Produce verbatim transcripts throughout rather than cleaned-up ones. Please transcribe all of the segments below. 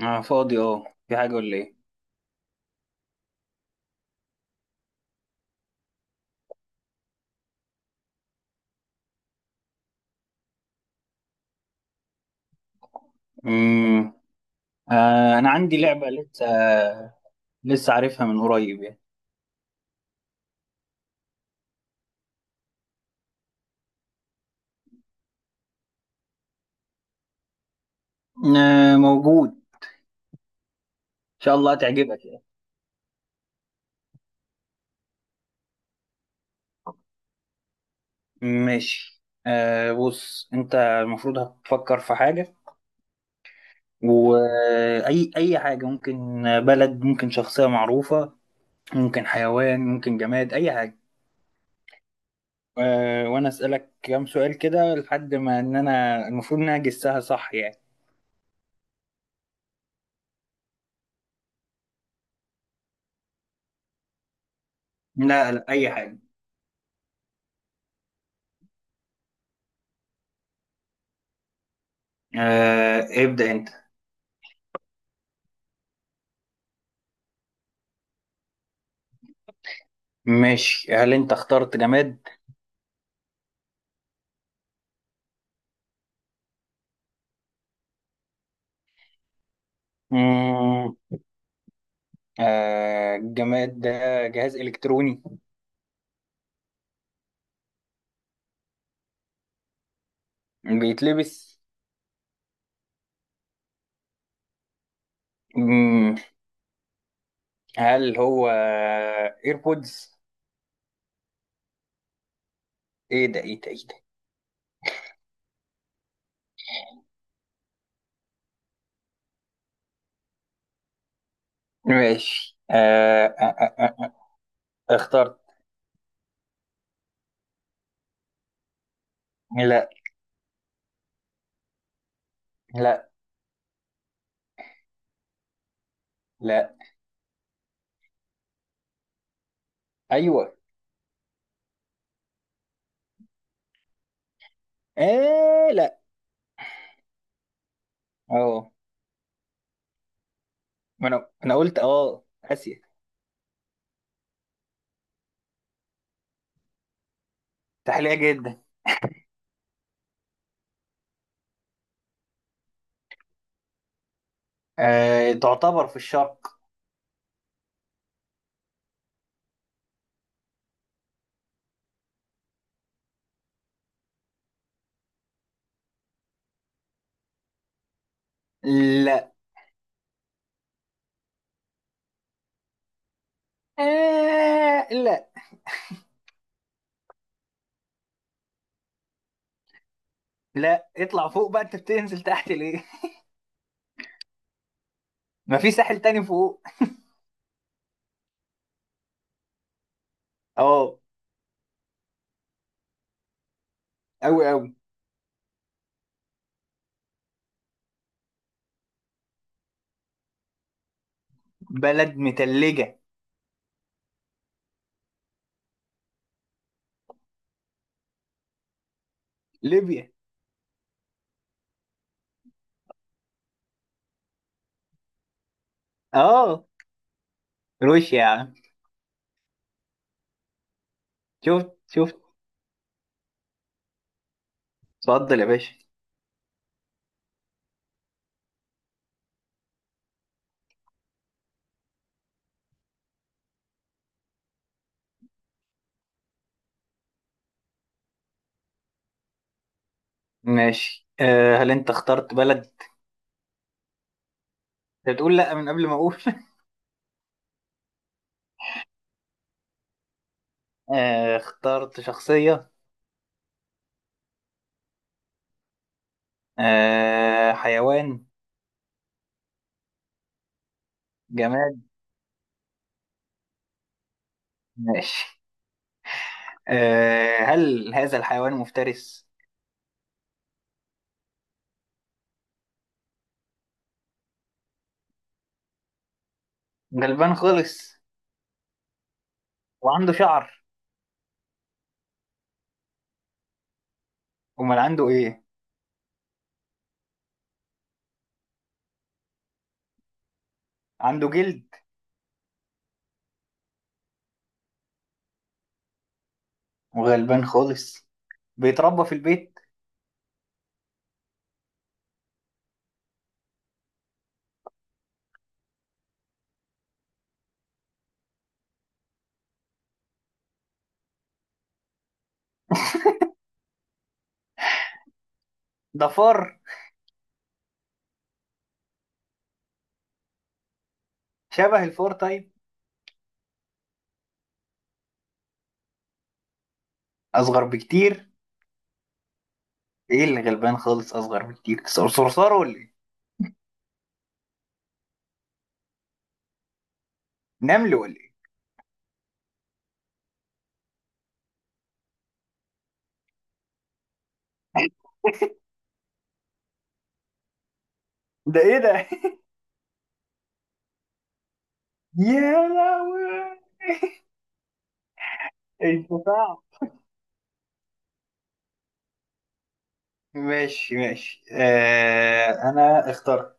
أنا فاضي أه في حاجة ولا إيه؟ مم. آه، أنا عندي لعبة لسه لسه عارفها من قريب يعني. آه، موجود إن شاء الله هتعجبك يعني. ماشي، آه بص أنت المفروض هتفكر في حاجة، وأي أي حاجة ممكن، بلد، ممكن شخصية معروفة، ممكن حيوان، ممكن جماد، أي حاجة. آه، وأنا أسألك كام سؤال كده لحد ما إن أنا المفروض إن أنا أجسها صح يعني. لا لا، أي حاجة. آه، ابدأ أنت. ماشي، هل انت اخترت جماد؟ مم. آه، الجماد ده جهاز الكتروني. بيتلبس. مم. هل هو ايربودز؟ ايه ده ايه ده ايه ده؟ ماشي، آه آه آه آه. اخترت. لا لا لا، ايوه. آه لا. اه ما انا انا قلت اه اسيا. ساحلية جدا. آه، تعتبر في الشرق. لا. آه لا. لا، اطلع فوق بقى، انت بتنزل تحت ليه؟ ما في ساحل تاني فوق. اه. أوي أوي. بلد متلجة. ليبيا. اه، روسيا يا عم. شفت شفت. اتفضل يا باشا. ماشي، آه هل انت اخترت بلد؟ انت بتقول لا من قبل ما اقول. آه، اخترت شخصية. آه، حيوان. جماد. ماشي. آه، هل هذا الحيوان مفترس؟ غلبان خالص. وعنده شعر؟ امال عنده ايه؟ عنده جلد. وغلبان خالص. بيتربى في البيت. ده فار؟ شبه الفار طيب. اصغر بكتير. ايه اللي غلبان خالص اصغر بكتير، صر- صرصار ولا ايه؟ نمل ولا ايه؟ ده ايه ده؟ يا لهوي. انت صعب. ماشي ماشي، آه انا اخترت.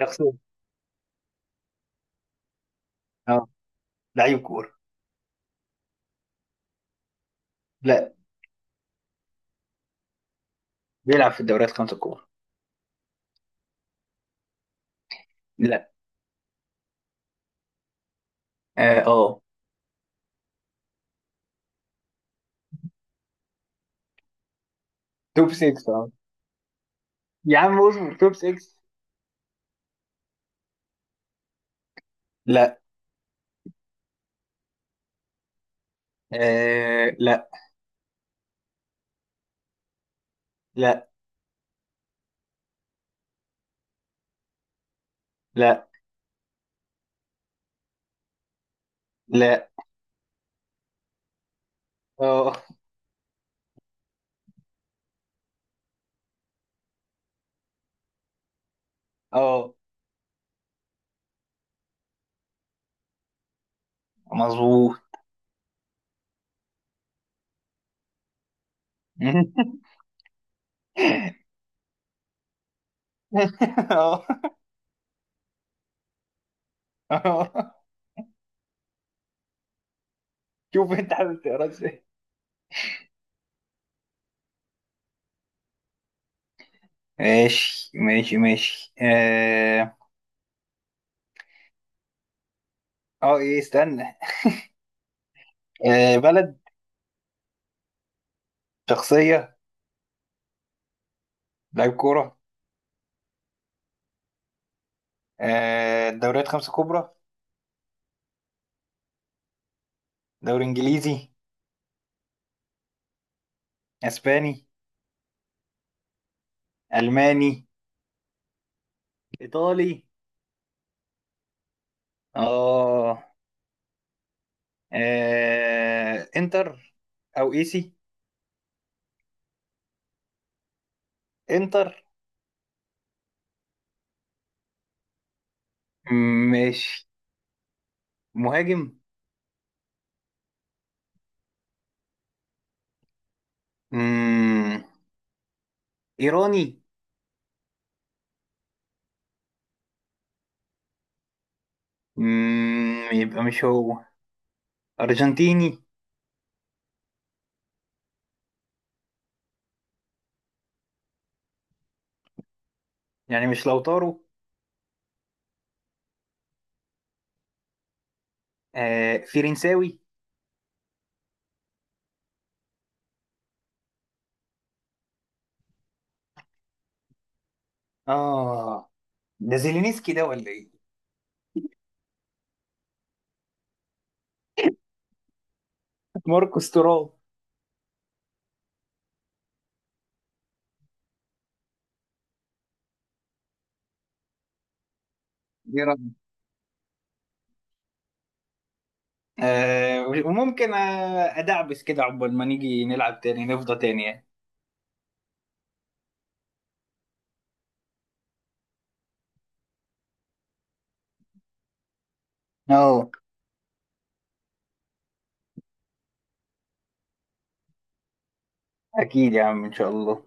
شخصية. اه، لعيب كورة. لا. بيلعب في الدوريات الخمسة الكبرى. لا. اه آه. توب ستة. اه يا عم اصبر، توب ستة. لا. آه لا. لا لا لا. اه اه مظبوط. اه اه شوف انت حابب تقرا ازاي. ماشي ماشي ماشي. اه آه، ايه استنى. آه، بلد. شخصية. لعيب كورة. آه، دوريات خمسة كبرى. دوري انجليزي. اسباني. الماني. ايطالي. اه. آه، انتر. او ايسي. انتر. مم، ماشي. مهاجم. مم، ايراني. مم، يبقى مش هو. ارجنتيني. يعني مش لوتارو. آه، فرنساوي. اه. ده زيلينسكي ده ولا ايه؟ ماركوس تورام. دي رأيي. آه، وممكن آه، ادعبس كده عقبال ما نيجي نلعب تاني، نفضى تاني يعني. اه، اكيد يا عم ان شاء الله.